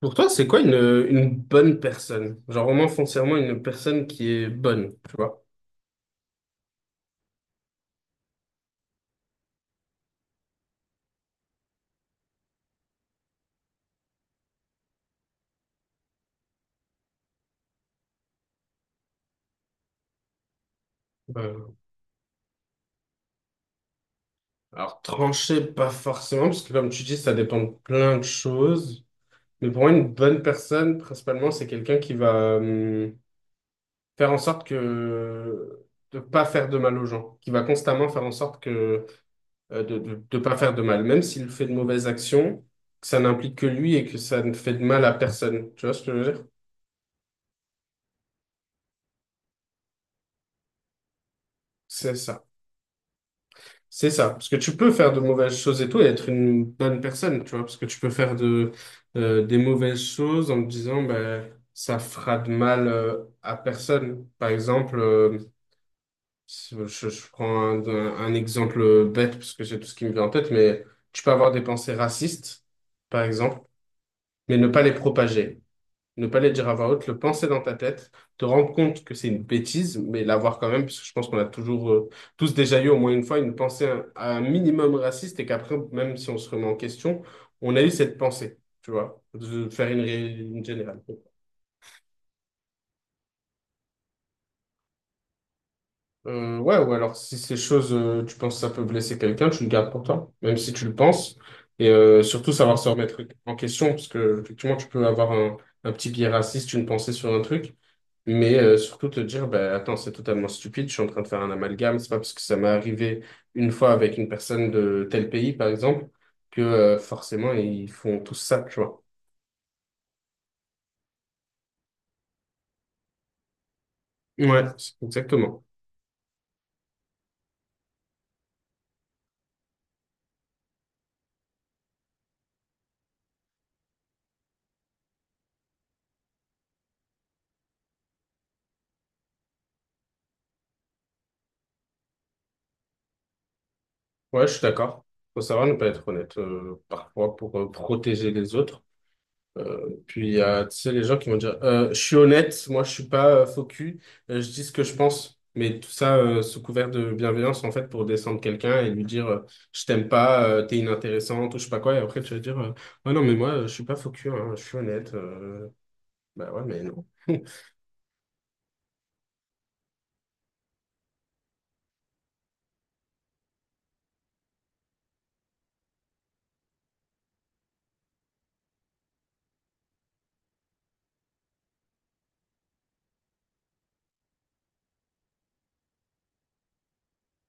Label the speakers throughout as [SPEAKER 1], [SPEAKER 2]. [SPEAKER 1] Pour toi, c'est quoi une bonne personne? Genre vraiment foncièrement une personne qui est bonne, tu vois? Euh, alors trancher, pas forcément, parce que comme tu dis, ça dépend de plein de choses. Mais pour moi, une bonne personne, principalement, c'est quelqu'un qui va faire en sorte que de pas faire de mal aux gens, qui va constamment faire en sorte que de pas faire de mal, même s'il fait de mauvaises actions, que ça n'implique que lui et que ça ne fait de mal à personne. Tu vois ce que je veux dire? C'est ça. C'est ça, parce que tu peux faire de mauvaises choses et tout et être une bonne personne, tu vois, parce que tu peux faire des mauvaises choses en te disant, ben, ça fera de mal à personne. Par exemple, je prends un exemple bête, parce que c'est tout ce qui me vient en tête, mais tu peux avoir des pensées racistes, par exemple, mais ne pas les propager, ne pas les dire à voix haute, le penser dans ta tête, te rendre compte que c'est une bêtise, mais l'avoir quand même, parce que je pense qu'on a toujours, tous déjà eu au moins une fois une pensée à un minimum raciste et qu'après, même si on se remet en question, on a eu cette pensée, tu vois, de faire une générale. Ouais, ou alors si ces choses, tu penses que ça peut blesser quelqu'un, tu le gardes pour toi, même si tu le penses. Et surtout savoir se remettre en question, parce que effectivement, tu peux avoir un petit biais raciste, une pensée sur un truc. Mais surtout te dire, bah, attends, c'est totalement stupide, je suis en train de faire un amalgame, c'est pas parce que ça m'est arrivé une fois avec une personne de tel pays, par exemple, que forcément ils font tous ça, tu vois. Ouais, c'est- exactement. Ouais, je suis d'accord. Faut savoir ne pas être honnête, parfois pour protéger les autres. Puis il y a, tu sais, les gens qui vont dire, je suis honnête, moi je suis pas faux cul, je dis ce que je pense. Mais tout ça sous couvert de bienveillance, en fait, pour descendre quelqu'un et lui dire, je t'aime pas, t'es inintéressante, ou je sais pas quoi. Et après, tu vas dire, ouais, non, mais moi, je suis pas faux cul, hein, je suis honnête. Bah ouais, mais non.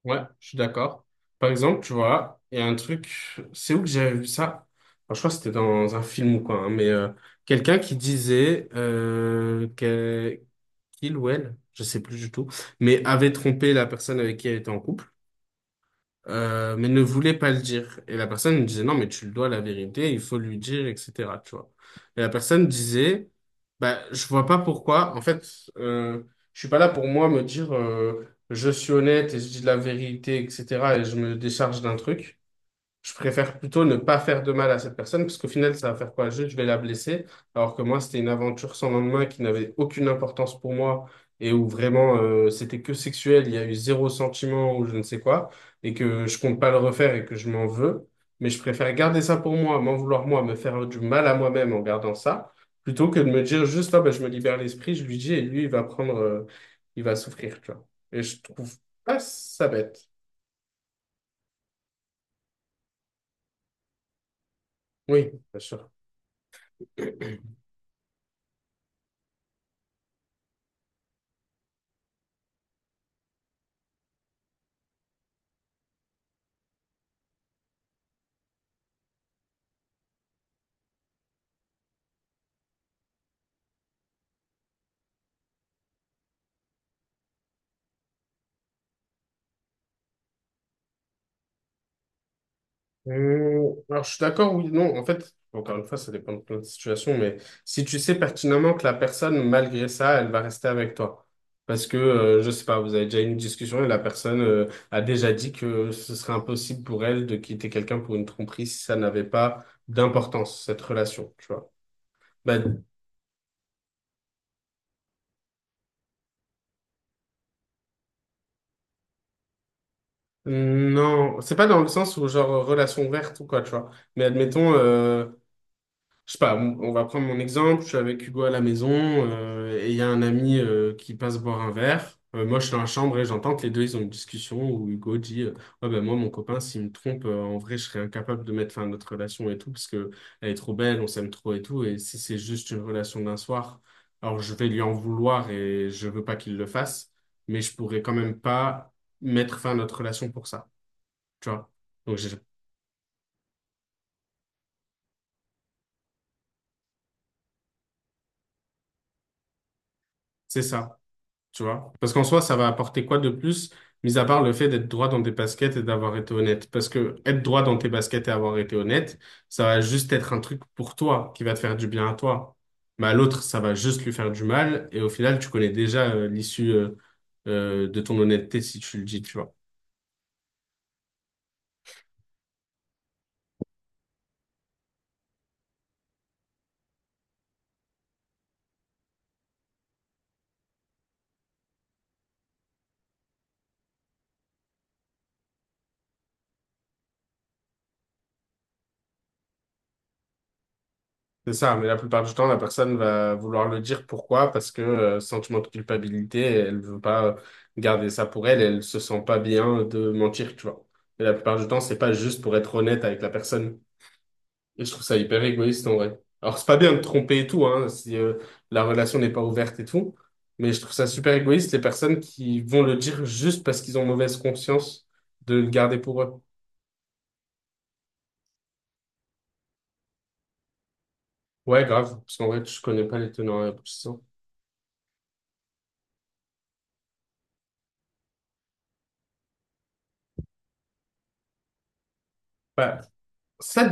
[SPEAKER 1] Ouais, je suis d'accord. Par exemple, tu vois, il y a un truc, c'est où que j'avais vu ça? Enfin, je crois que c'était dans un film ou quoi, hein, mais quelqu'un qui disait que- il ou elle, je sais plus du tout, mais avait trompé la personne avec qui elle était en couple, mais ne voulait pas le dire. Et la personne lui disait, non, mais tu le dois la vérité, il faut lui dire, etc., tu vois. Et la personne disait, bah, je vois pas pourquoi, en fait, euh, je suis pas là pour moi me dire, je suis honnête et je dis la vérité, etc., et je me décharge d'un truc. Je préfère plutôt ne pas faire de mal à cette personne, parce qu'au final, ça va faire quoi? Juste, je vais la blesser. Alors que moi, c'était une aventure sans lendemain qui n'avait aucune importance pour moi et où vraiment, c'était que sexuel, il y a eu zéro sentiment ou je ne sais quoi, et que je compte pas le refaire et que je m'en veux. Mais je préfère garder ça pour moi, m'en vouloir moi, me faire du mal à moi-même en gardant ça, plutôt que de me dire juste, ah, ben, je me libère l'esprit, je lui dis, et lui, il va prendre, il va souffrir, tu vois. Et je trouve pas ça bête. Oui, bien sûr. Alors, je suis d'accord, oui, non, en fait, encore une fois, ça dépend de plein de situations, mais si tu sais pertinemment que la personne, malgré ça, elle va rester avec toi. Parce que, je sais pas, vous avez déjà eu une discussion et la personne, a déjà dit que ce serait impossible pour elle de quitter quelqu'un pour une tromperie si ça n'avait pas d'importance, cette relation, tu vois. Bah, non, c'est pas dans le sens où, genre, relation ouverte ou quoi, tu vois. Mais admettons, je sais pas, on va prendre mon exemple. Je suis avec Hugo à la maison et il y a un ami qui passe boire un verre. Moi, je suis dans la chambre et j'entends que les deux, ils ont une discussion où Hugo dit ouais, ben moi, mon copain, s'il me trompe, en vrai, je serais incapable de mettre fin à notre relation et tout parce que elle est trop belle, on s'aime trop et tout. Et si c'est juste une relation d'un soir, alors je vais lui en vouloir et je veux pas qu'il le fasse, mais je pourrais quand même pas mettre fin à notre relation pour ça. Tu vois? Donc, j'ai- c'est ça. Tu vois. Parce qu'en soi, ça va apporter quoi de plus, mis à part le fait d'être droit dans tes baskets et d'avoir été honnête. Parce que être droit dans tes baskets et avoir été honnête, ça va juste être un truc pour toi, qui va te faire du bien à toi. Mais à l'autre, ça va juste lui faire du mal. Et au final, tu connais déjà l'issue de ton honnêteté si tu le dis, tu vois. C'est ça, mais la plupart du temps, la personne va vouloir le dire. Pourquoi? Parce que sentiment de culpabilité, elle veut pas garder ça pour elle, elle se sent pas bien de mentir, tu vois. Et la plupart du temps, c'est pas juste pour être honnête avec la personne. Et je trouve ça hyper égoïste en vrai. Alors, c'est pas bien de tromper et tout, hein, si la relation n'est pas ouverte et tout, mais je trouve ça super égoïste les personnes qui vont le dire juste parce qu'ils ont mauvaise conscience de le garder pour eux. Ouais, grave, parce qu'en vrai, je connais pas les tenants et aboutissants. Bah, Ça,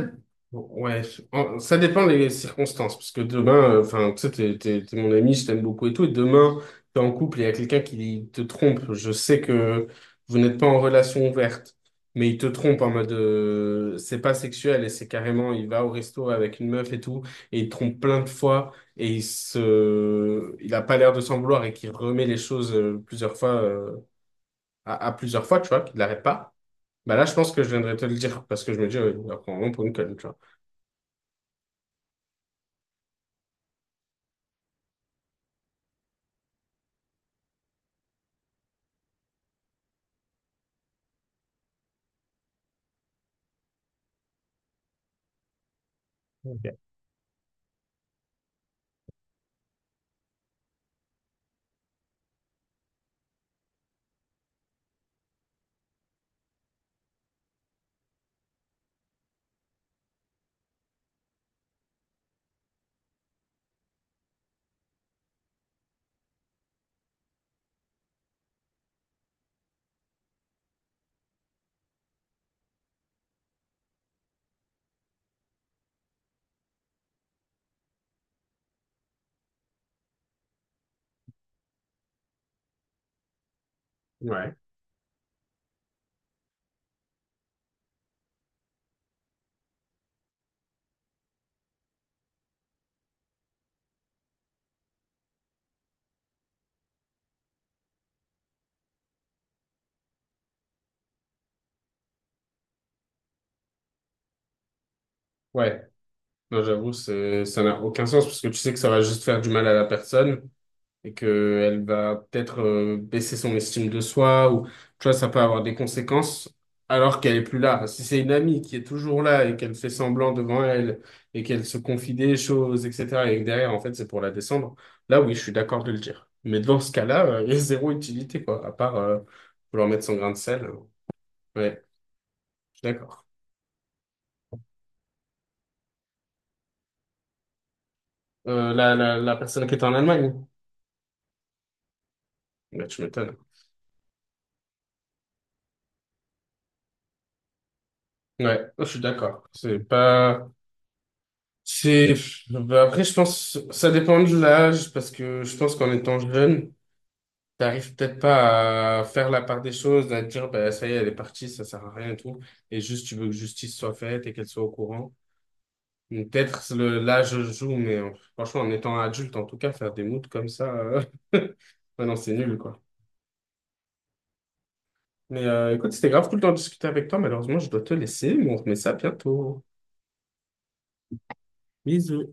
[SPEAKER 1] ouais, ça dépend des circonstances, parce que demain, enfin, tu sais, t'es mon ami, je t'aime beaucoup et tout, et demain, t'es en couple et il y a quelqu'un qui te trompe. Je sais que vous n'êtes pas en relation ouverte, mais il te trompe en mode, c'est pas sexuel et c'est carrément, il va au resto avec une meuf et tout, et il te trompe plein de fois et il a pas l'air de s'en vouloir et qu'il remet les choses à plusieurs fois, tu vois, qu'il l'arrête pas. Bah là, je pense que je viendrais te le dire parce que je me dis, il va prendre un nom pour une conne, tu vois. Ouais, ouais. Non, j'avoue, c'est, ça n'a aucun sens parce que tu sais que ça va juste faire du mal à la personne et que elle va peut-être baisser son estime de soi ou, tu vois, ça peut avoir des conséquences alors qu'elle est plus là. Si c'est une amie qui est toujours là et qu'elle fait semblant devant elle et qu'elle se confie des choses, etc., et que derrière, en fait, c'est pour la descendre, là, oui, je suis d'accord de le dire. Mais dans ce cas-là, il y a zéro utilité, quoi, à part vouloir mettre son grain de sel. Ouais, je suis d'accord. La personne qui est en Allemagne, bah, tu m'étonnes. Ouais, oh, je suis d'accord. C'est pas, c'est, Bah, après, je pense, ça dépend de l'âge, parce que je pense qu'en étant jeune, t'arrives peut-être pas à faire la part des choses, à te dire, bah, ça y est, elle est partie, ça sert à rien et tout. Et juste, tu veux que justice soit faite et qu'elle soit au courant. Donc, peut-être l'âge joue, mais franchement, en étant adulte, en tout cas, faire des moods comme ça, ouais, non, c'est nul, quoi. Mais écoute, c'était grave cool de discuter avec toi. Malheureusement, je dois te laisser, mais on remet ça bientôt. Bisous.